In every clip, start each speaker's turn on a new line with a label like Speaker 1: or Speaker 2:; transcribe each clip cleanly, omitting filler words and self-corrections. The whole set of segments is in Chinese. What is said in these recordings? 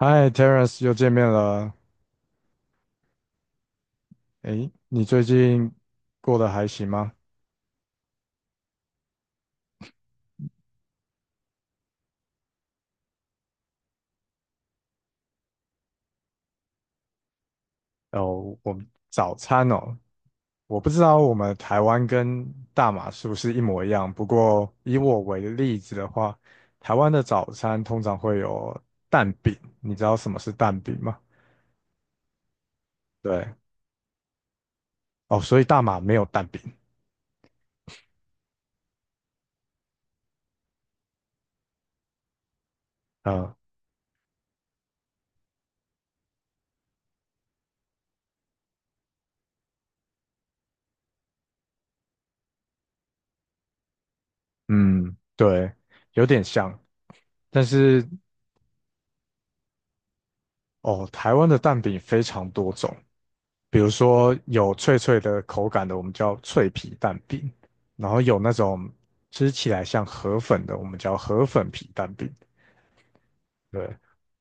Speaker 1: 嗨，Terence，又见面了。诶，你最近过得还行吗？哦，我们早餐哦，我不知道我们台湾跟大马是不是一模一样。不过以我为例子的话，台湾的早餐通常会有蛋饼，你知道什么是蛋饼吗？对，哦，所以大马没有蛋饼。嗯嗯，对，有点像，但是哦，台湾的蛋饼非常多种。比如说有脆脆的口感的，我们叫脆皮蛋饼，然后有那种吃起来像河粉的，我们叫河粉皮蛋饼，对，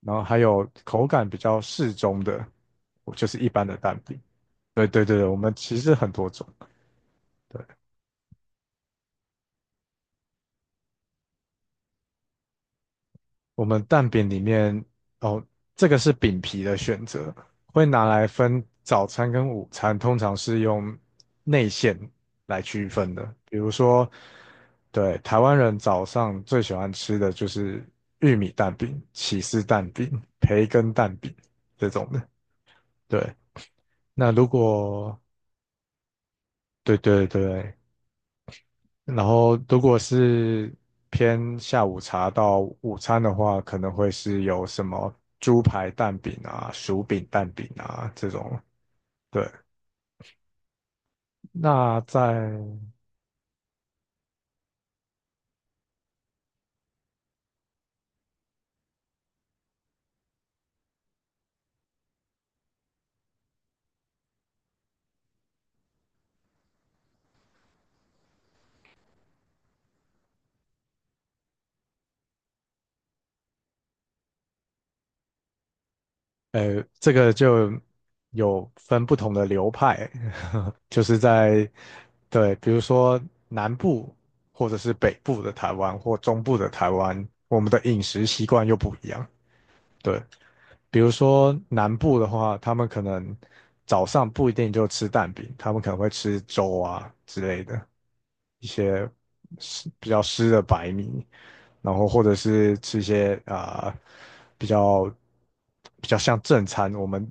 Speaker 1: 然后还有口感比较适中的，就是一般的蛋饼，对对对，我们其实很多种，对，我们蛋饼里面哦，这个是饼皮的选择，会拿来分早餐跟午餐，通常是用内馅来区分的。比如说，对，台湾人早上最喜欢吃的就是玉米蛋饼、起司蛋饼、培根蛋饼这种的。对，那如果对对对，然后如果是偏下午茶到午餐的话，可能会是有什么猪排蛋饼啊、薯饼蛋饼啊这种。对，那在这个就有分不同的流派，就是在对，比如说南部或者是北部的台湾或中部的台湾，我们的饮食习惯又不一样。对。比如说南部的话，他们可能早上不一定就吃蛋饼，他们可能会吃粥啊之类的，一些湿比较湿的白米，然后或者是吃一些啊、比较比较像正餐，我们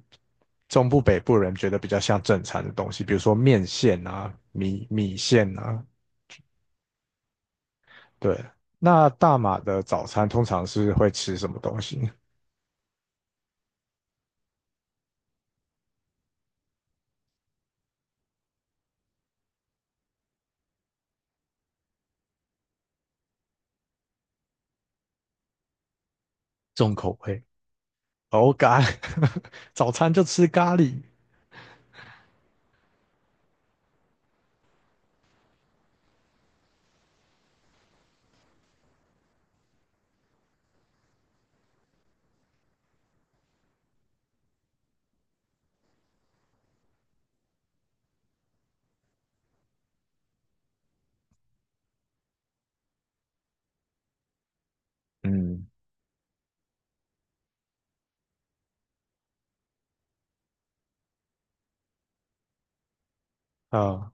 Speaker 1: 中部北部人觉得比较像正餐的东西，比如说面线啊、米米线啊，对。那大马的早餐通常是会吃什么东西？重口味。哦，咖，早餐就吃咖喱嗯，啊、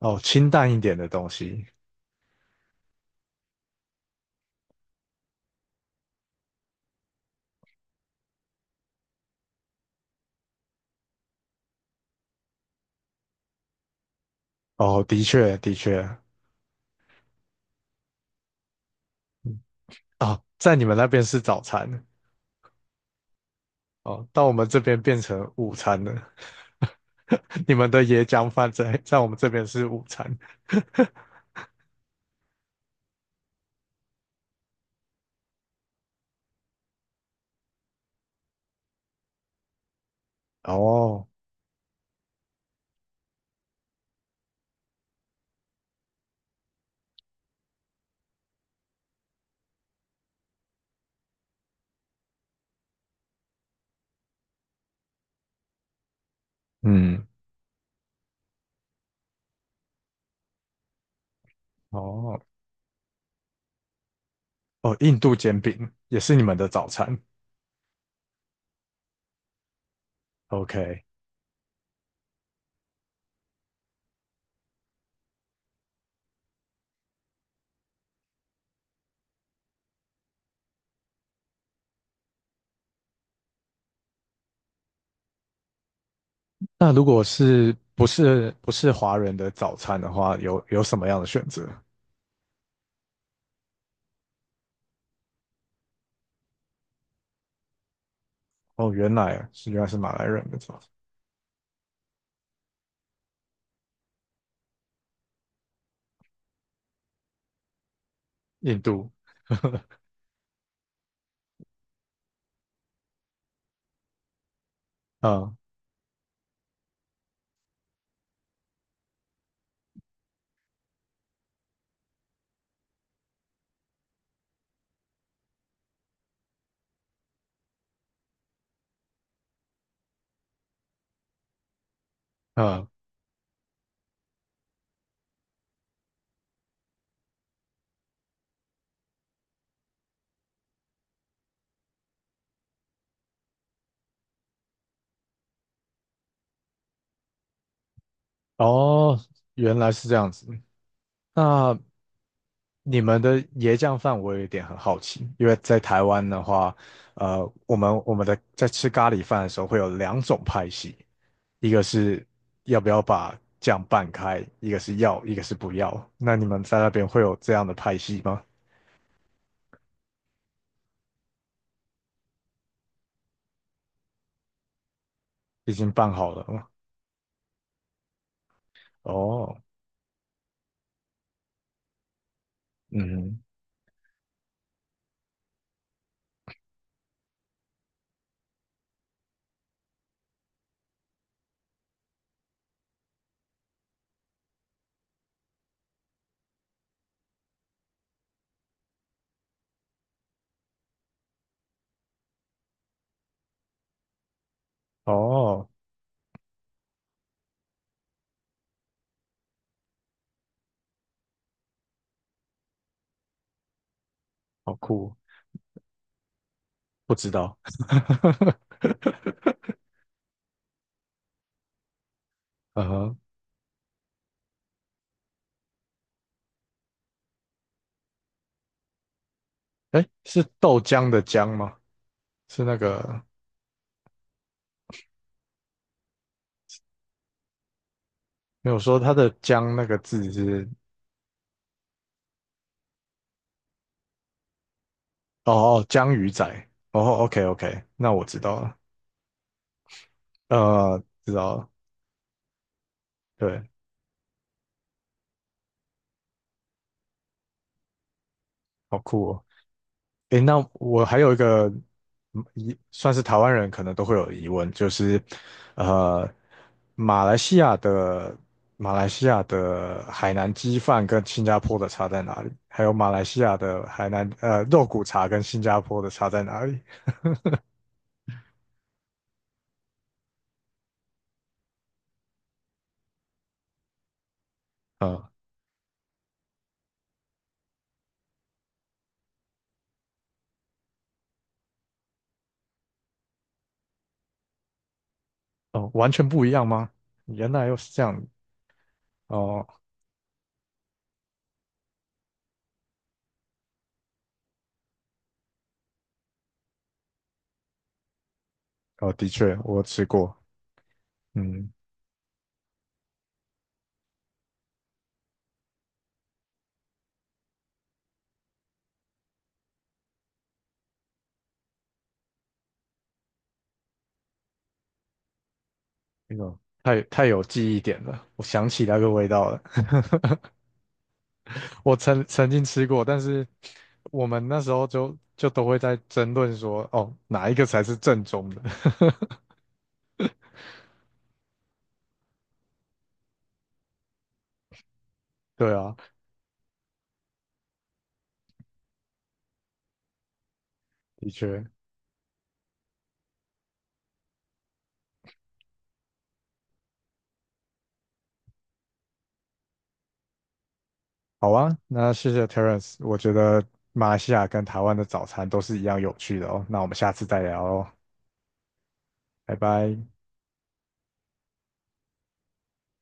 Speaker 1: 哦，清淡一点的东西。哦，的确，的确，嗯哦，在你们那边是早餐，哦，到我们这边变成午餐了。你们的椰浆饭在我们这边是午餐。哦，嗯，哦，哦，印度煎饼也是你们的早餐。OK，那如果是不是华人的早餐的话，有什么样的选择？哦，原来啊是原来是马来人，没错，印度，啊啊，哦，原来是这样子。那你们的椰浆饭我有一点很好奇，因为在台湾的话，我们我们的在吃咖喱饭的时候会有两种派系，一个是要不要把酱拌开，一个是要，一个是不要。那你们在那边会有这样的派系吗？已经拌好了吗？哦，嗯，哼，哦，好酷。不知道。呃，哎，是豆浆的浆吗？是那个没有说它的浆那个字是哦哦，江鱼仔。哦，OK OK，那我知道了。知道了。对，好酷哦。诶，那我还有一个疑，算是台湾人可能都会有疑问，就是，呃，马来西亚的马来西亚的海南鸡饭跟新加坡的差在哪里？还有马来西亚的海南肉骨茶跟新加坡的差在哪里？呃，哦，完全不一样吗？原来又是这样哦哦，的确我吃过，嗯，那个太太有记忆点了，我想起那个味道了。我曾经吃过，但是我们那时候就都会在争论说，哦，哪一个才是正宗的？对啊，的确，好啊，那谢谢 Terence，我觉得马来西亚跟台湾的早餐都是一样有趣的哦，那我们下次再聊哦，拜拜。